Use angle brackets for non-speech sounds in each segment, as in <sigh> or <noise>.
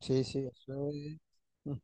Sí, sí, eso es. Mm.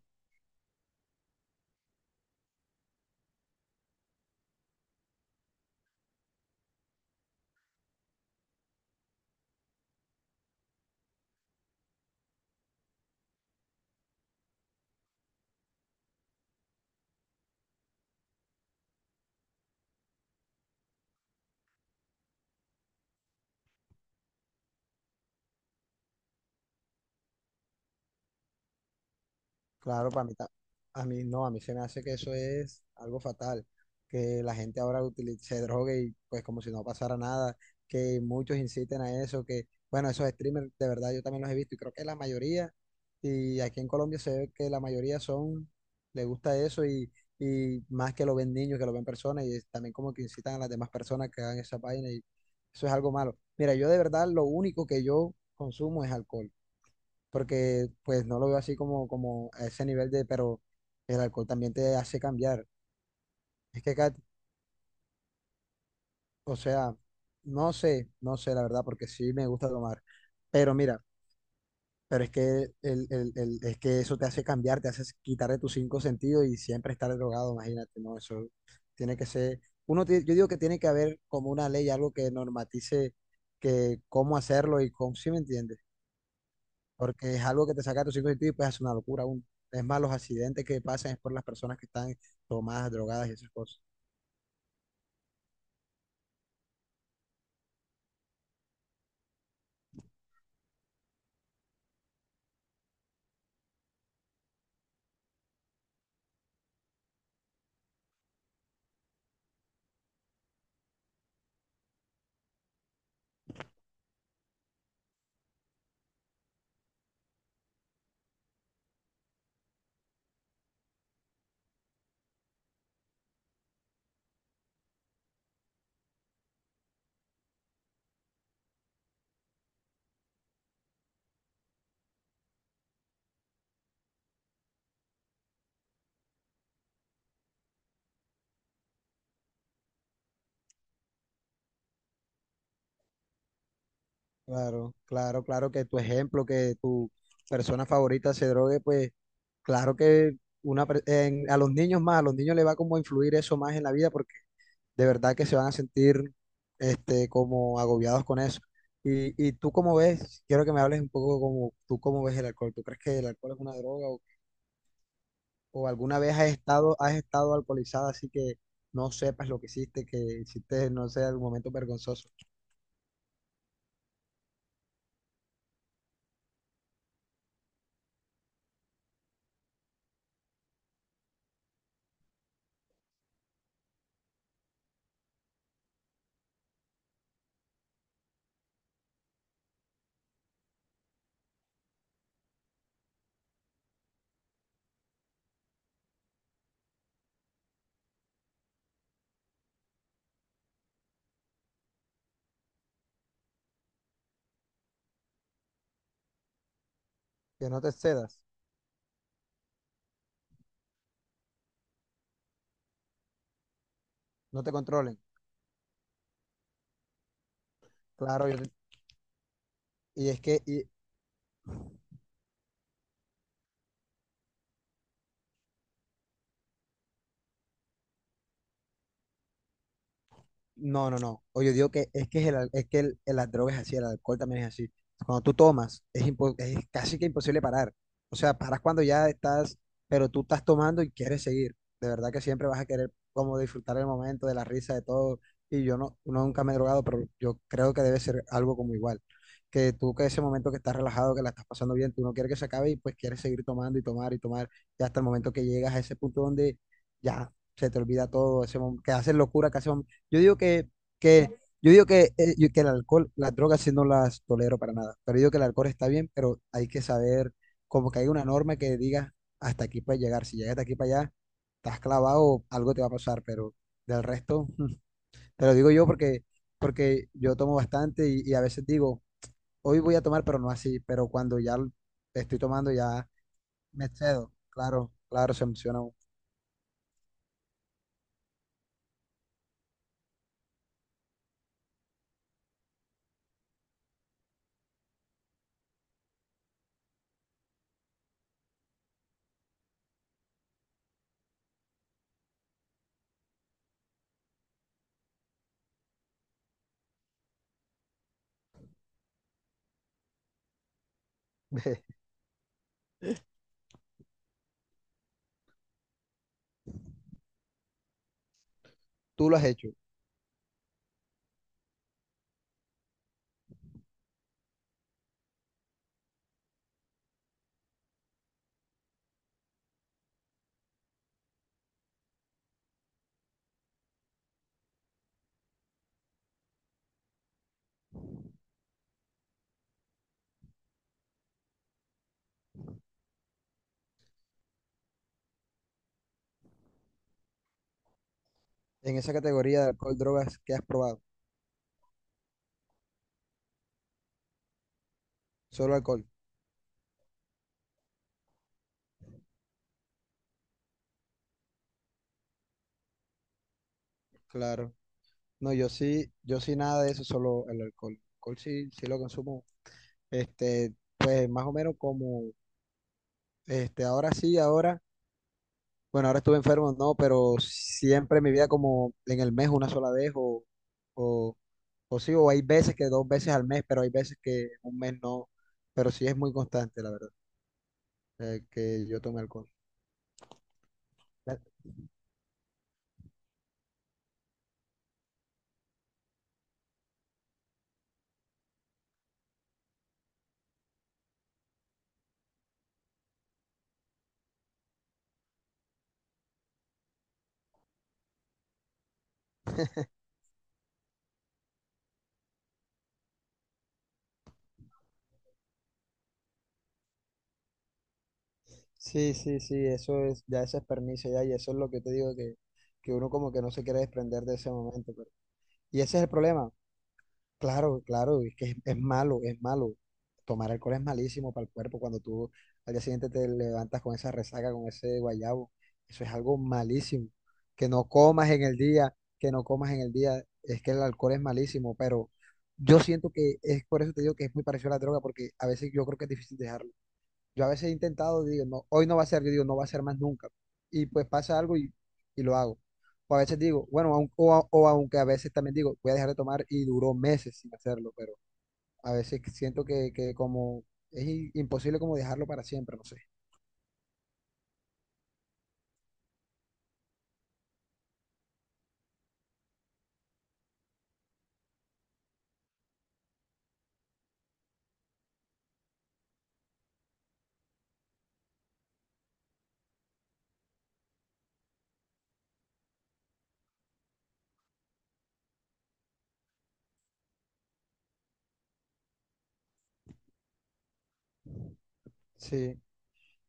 Claro, para mí, a mí no, a mí se me hace que eso es algo fatal, que la gente ahora se drogue y pues como si no pasara nada, que muchos inciten a eso, que bueno, esos streamers de verdad yo también los he visto y creo que la mayoría, y aquí en Colombia se ve que la mayoría son, le gusta eso y más que lo ven niños, que lo ven personas y es también como que incitan a las demás personas que hagan esa vaina y eso es algo malo. Mira, yo de verdad lo único que yo consumo es alcohol porque pues no lo veo así como, como a ese nivel de, pero el alcohol también te hace cambiar. Es que, Kat, o sea, no sé la verdad, porque sí me gusta tomar, pero mira, pero es que, es que eso te hace cambiar, te hace quitar de tus cinco sentidos y siempre estar drogado, imagínate, no, eso tiene que ser, uno, yo digo que tiene que haber como una ley, algo que normatice que cómo hacerlo y cómo, ¿sí me entiendes? Porque es algo que te saca de tu cinco sentidos y pues es una locura aún. Es más, los accidentes que pasan es por las personas que están tomadas, drogadas y esas cosas. Claro que tu ejemplo, que tu persona favorita se drogue, pues claro que una, a los niños más, a los niños les va como a influir eso más en la vida porque de verdad que se van a sentir este, como agobiados con eso. Y tú cómo ves, quiero que me hables un poco como tú cómo ves el alcohol. ¿Tú crees que el alcohol es una droga? ¿O alguna vez has estado alcoholizada así que no sepas lo que hiciste, no sé, algún momento vergonzoso? Que no te cedas, no te controlen. Claro, yo te- y es que y No, no, no. Oye, digo que es que, es que las drogas es así, el alcohol también es así. Cuando tú tomas, es, es casi que imposible parar. O sea, paras cuando ya estás, pero tú estás tomando y quieres seguir. De verdad que siempre vas a querer como disfrutar el momento, de la risa, de todo. Y yo no, nunca me he drogado, pero yo creo que debe ser algo como igual. Que tú que ese momento que estás relajado, que la estás pasando bien, tú no quieres que se acabe y pues quieres seguir tomando y tomar y tomar. Y hasta el momento que llegas a ese punto donde ya se te olvida todo, ese que haces locura, que haces yo digo que, que, yo digo que, que el alcohol, las drogas sí no las tolero para nada, pero yo digo que el alcohol está bien, pero hay que saber, como que hay una norma que diga hasta aquí puedes llegar, si llegas de aquí para allá, estás clavado, algo te va a pasar, pero del resto, <laughs> te lo digo yo porque, porque yo tomo bastante y a veces digo, hoy voy a tomar, pero no así, pero cuando ya estoy tomando ya me excedo, claro, claro, se emociona uno. <laughs> Tú lo has hecho, en esa categoría de alcohol, drogas, ¿qué has probado? Solo alcohol, claro. No, yo sí, yo sí nada de eso, solo el alcohol. El alcohol sí, sí lo consumo. Este, pues más o menos como, este, ahora sí, ahora, bueno, ahora estuve enfermo, no, pero siempre en mi vida como en el mes una sola vez o, o sí, o hay veces que dos veces al mes, pero hay veces que un mes no, pero sí es muy constante, la verdad, que yo tome alcohol. Ya- Sí, sí, sí, eso es, ya ese es permiso ya, y eso es lo que te digo que uno como que no se quiere desprender de ese momento, pero- y ese es el problema. Claro, claro, es que es malo, es malo. Tomar alcohol es malísimo para el cuerpo cuando tú al día siguiente te levantas con esa resaca, con ese guayabo. Eso es algo malísimo. Que no comas en el día, que no comas en el día, es que el alcohol es malísimo, pero yo siento que es por eso te digo que es muy parecido a la droga, porque a veces yo creo que es difícil dejarlo. Yo a veces he intentado, digo, no, hoy no va a ser, yo digo, no va a ser más nunca. Y pues pasa algo y lo hago. O a veces digo, bueno, o aunque a veces también digo, voy a dejar de tomar y duró meses sin hacerlo, pero a veces siento que como es imposible como dejarlo para siempre, no sé. Sí,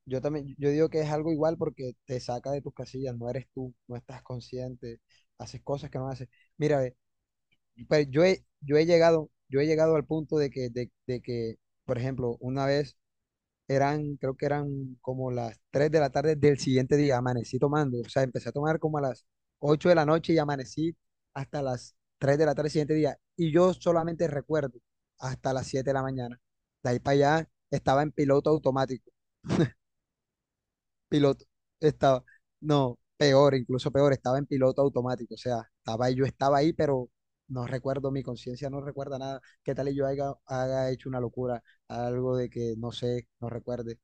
yo también, yo digo que es algo igual porque te saca de tus casillas, no eres tú, no estás consciente, haces cosas que no haces. Mira, ve, pero yo he, yo he llegado al punto de que, por ejemplo, una vez eran, creo que eran como las 3 de la tarde del siguiente día, amanecí tomando, o sea, empecé a tomar como a las 8 de la noche y amanecí hasta las 3 de la tarde del siguiente día. Y yo solamente recuerdo hasta las 7 de la mañana. De ahí para allá estaba en piloto automático, piloto, estaba, no, peor, incluso peor, estaba en piloto automático, o sea, estaba ahí, yo estaba ahí, pero no recuerdo, mi conciencia no recuerda nada. ¿Qué tal y yo haya, haga hecho una locura, algo de que no sé, no recuerde?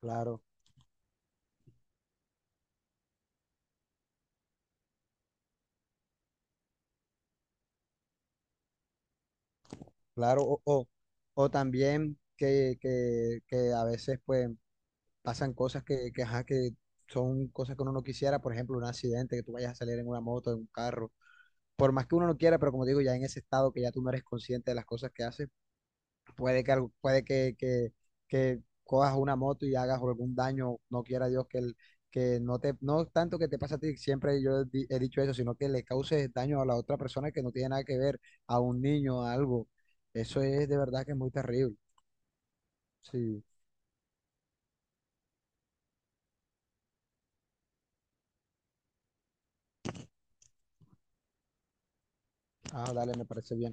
Claro. Claro, o también que, a veces pues pasan cosas que, ajá, que son cosas que uno no quisiera, por ejemplo, un accidente, que tú vayas a salir en una moto, en un carro, por más que uno no quiera, pero como digo, ya en ese estado que ya tú no eres consciente de las cosas que haces, puede que, que cojas una moto y hagas algún daño, no quiera Dios que, el, que no te, no tanto que te pase a ti, siempre yo he, he dicho eso, sino que le causes daño a la otra persona que no tiene nada que ver, a un niño, a algo. Eso es de verdad que es muy terrible. Sí. Ah, dale, me parece bien.